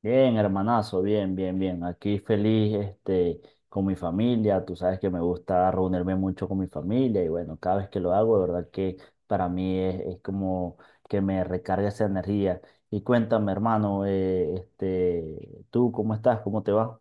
Bien, hermanazo, bien, bien, bien. Aquí feliz, con mi familia. Tú sabes que me gusta reunirme mucho con mi familia y bueno, cada vez que lo hago, de verdad que para mí es como que me recarga esa energía. Y cuéntame, hermano, ¿tú cómo estás? ¿Cómo te va?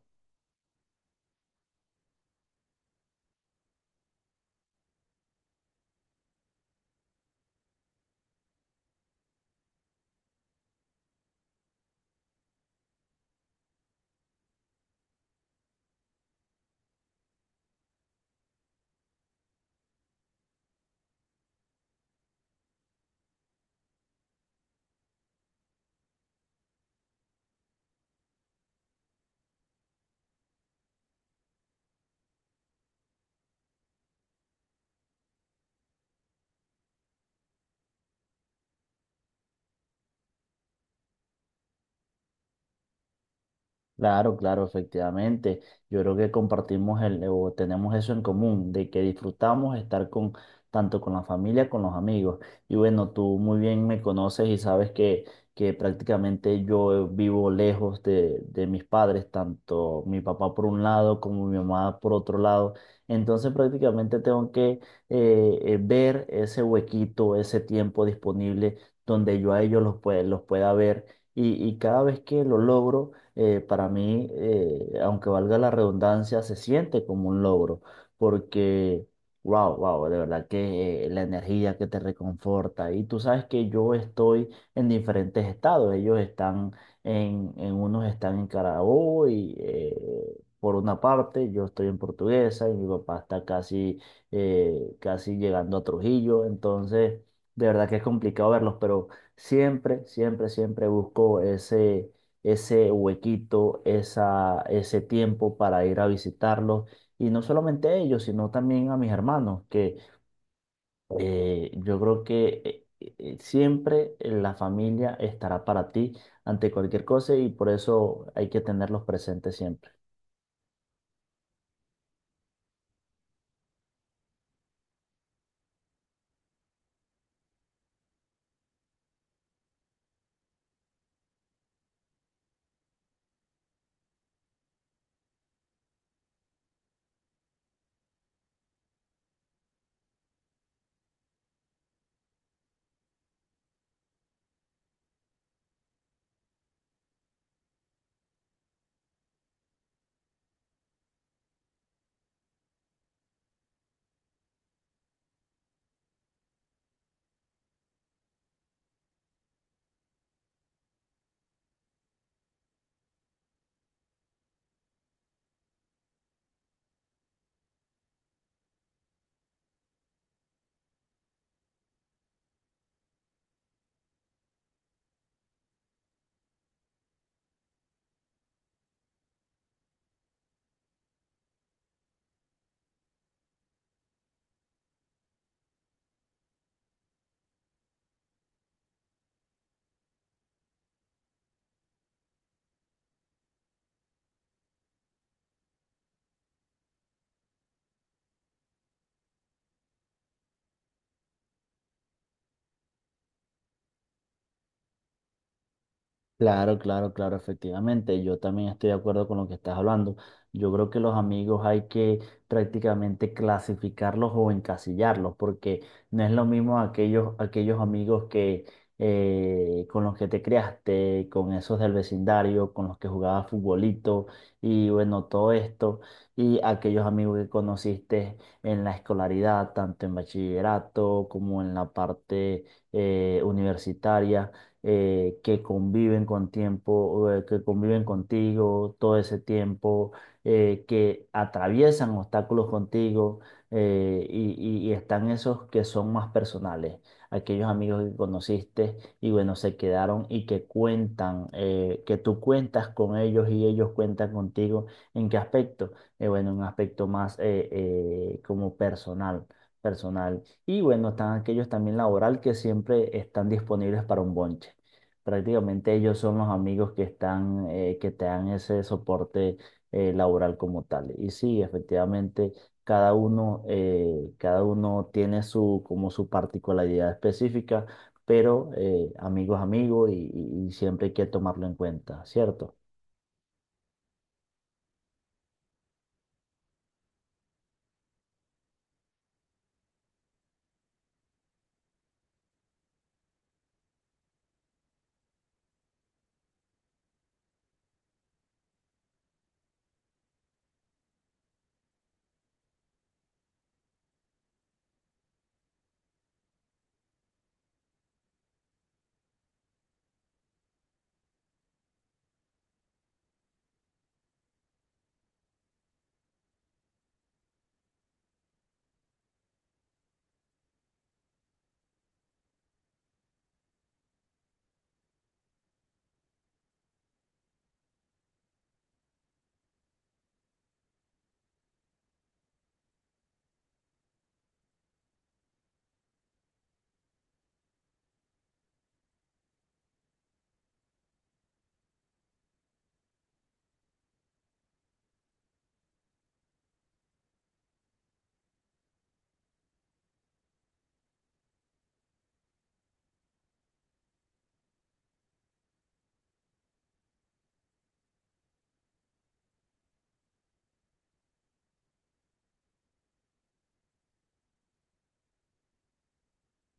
Claro, claro, efectivamente. Yo creo que compartimos el, o tenemos eso en común, de que disfrutamos estar con tanto con la familia, con los amigos. Y bueno, tú muy bien me conoces y sabes que prácticamente yo vivo lejos de mis padres, tanto mi papá por un lado como mi mamá por otro lado. Entonces prácticamente tengo que ver ese huequito, ese tiempo disponible donde yo a ellos los pueda ver. Y cada vez que lo logro, para mí, aunque valga la redundancia, se siente como un logro, porque, wow, de verdad que la energía que te reconforta. Y tú sabes que yo estoy en diferentes estados, ellos están en unos están en Carabobo Por una parte, yo estoy en Portuguesa y mi papá está casi llegando a Trujillo, entonces de verdad que es complicado verlos, pero siempre busco ese huequito, ese tiempo para ir a visitarlos. Y no solamente a ellos, sino también a mis hermanos, que yo creo que siempre la familia estará para ti ante cualquier cosa y por eso hay que tenerlos presentes siempre. Claro, claro, claro, efectivamente. Yo también estoy de acuerdo con lo que estás hablando. Yo creo que los amigos hay que prácticamente clasificarlos o encasillarlos, porque no es lo mismo aquellos amigos que con los que te criaste, con esos del vecindario, con los que jugabas futbolito y bueno, todo esto, y aquellos amigos que conociste en la escolaridad, tanto en bachillerato como en la parte universitaria, que conviven con tiempo, que conviven contigo todo ese tiempo, que atraviesan obstáculos contigo, y están esos que son más personales, aquellos amigos que conociste y bueno, se quedaron y que cuentan, que tú cuentas con ellos y ellos cuentan contigo. ¿En qué aspecto? Bueno, un aspecto más como personal, personal y bueno, están aquellos también laboral que siempre están disponibles para un bonche. Prácticamente ellos son los amigos que están, que te dan ese soporte laboral como tal. Y sí, efectivamente, cada uno tiene su, como su particularidad específica, pero amigos, amigos y siempre hay que tomarlo en cuenta, ¿cierto?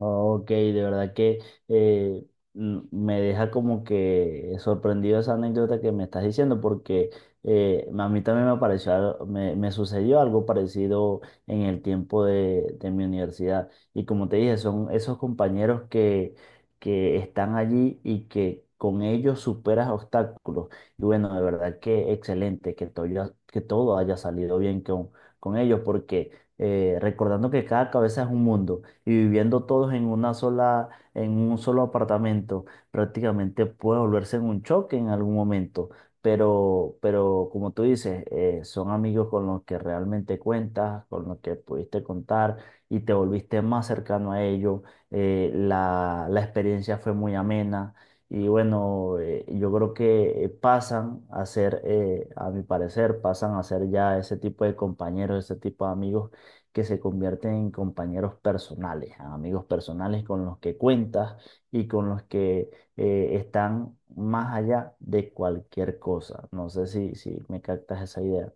Oh, ok, de verdad que eh, me deja como que sorprendido esa anécdota que me estás diciendo, porque a mí también me pareció, al- me sucedió algo parecido en el tiempo de mi universidad. Y como te dije, son esos compañeros que están allí y que con ellos superas obstáculos. Y bueno, de verdad que excelente que que todo haya salido bien con ellos, porque recordando que cada cabeza es un mundo y viviendo todos en una sola, en un solo apartamento, prácticamente puede volverse en un choque en algún momento. Pero como tú dices, son amigos con los que realmente cuentas, con los que pudiste contar y te volviste más cercano a ellos. La experiencia fue muy amena. Y bueno, yo creo que pasan a ser, a mi parecer, pasan a ser ya ese tipo de compañeros, ese tipo de amigos que se convierten en compañeros personales, amigos personales con los que cuentas y con los que están más allá de cualquier cosa. No sé si, si me captas esa idea.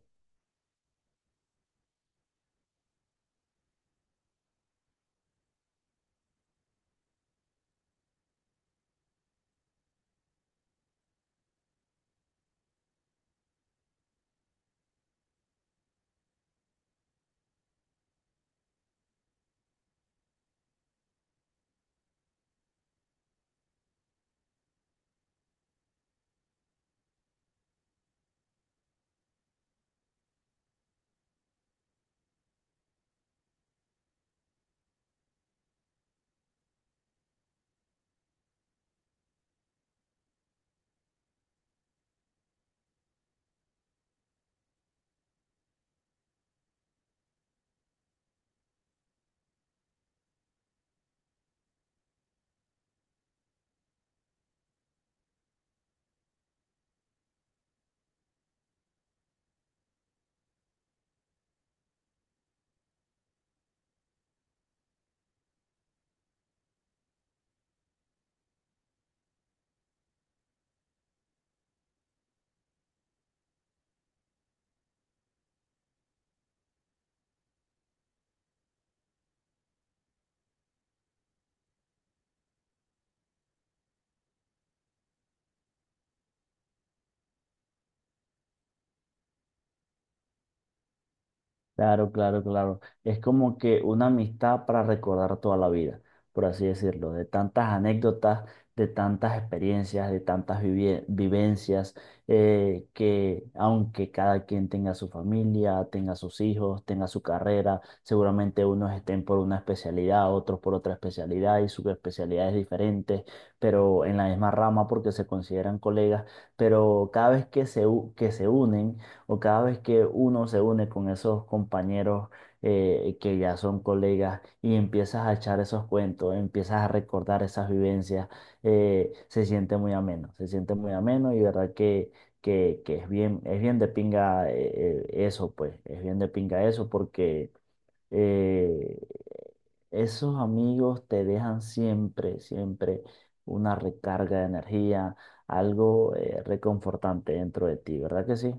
Claro, claro, claro. Es como que una amistad para recordar toda la vida, por así decirlo, de tantas anécdotas, de tantas experiencias, de tantas vivencias, que aunque cada quien tenga su familia, tenga sus hijos, tenga su carrera, seguramente unos estén por una especialidad, otros por otra especialidad y subespecialidades diferentes, pero en la misma rama porque se consideran colegas, pero cada vez que que se unen o cada vez que uno se une con esos compañeros que ya son colegas y empiezas a echar esos cuentos, empiezas a recordar esas vivencias, se siente muy ameno, se siente muy ameno y verdad que es bien de pinga eso, pues, es bien de pinga eso porque... eh, esos amigos te dejan siempre, siempre una recarga de energía, algo reconfortante dentro de ti, ¿verdad que sí?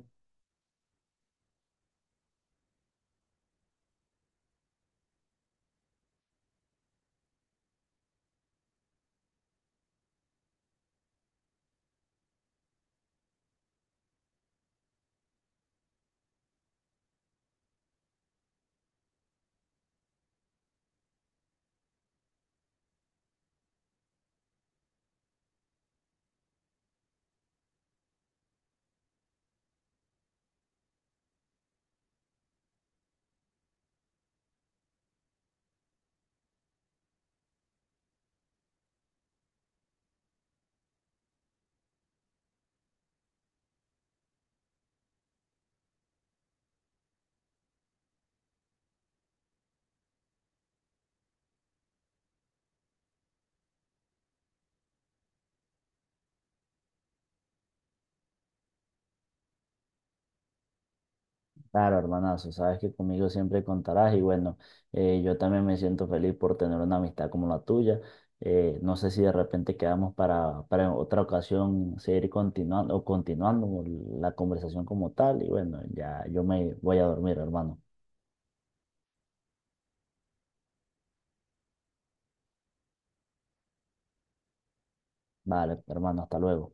Claro, hermanazo, sabes que conmigo siempre contarás y bueno, yo también me siento feliz por tener una amistad como la tuya. No sé si de repente quedamos para en otra ocasión seguir continuando o continuando la conversación como tal y bueno, ya yo me voy a dormir, hermano. Vale, hermano, hasta luego.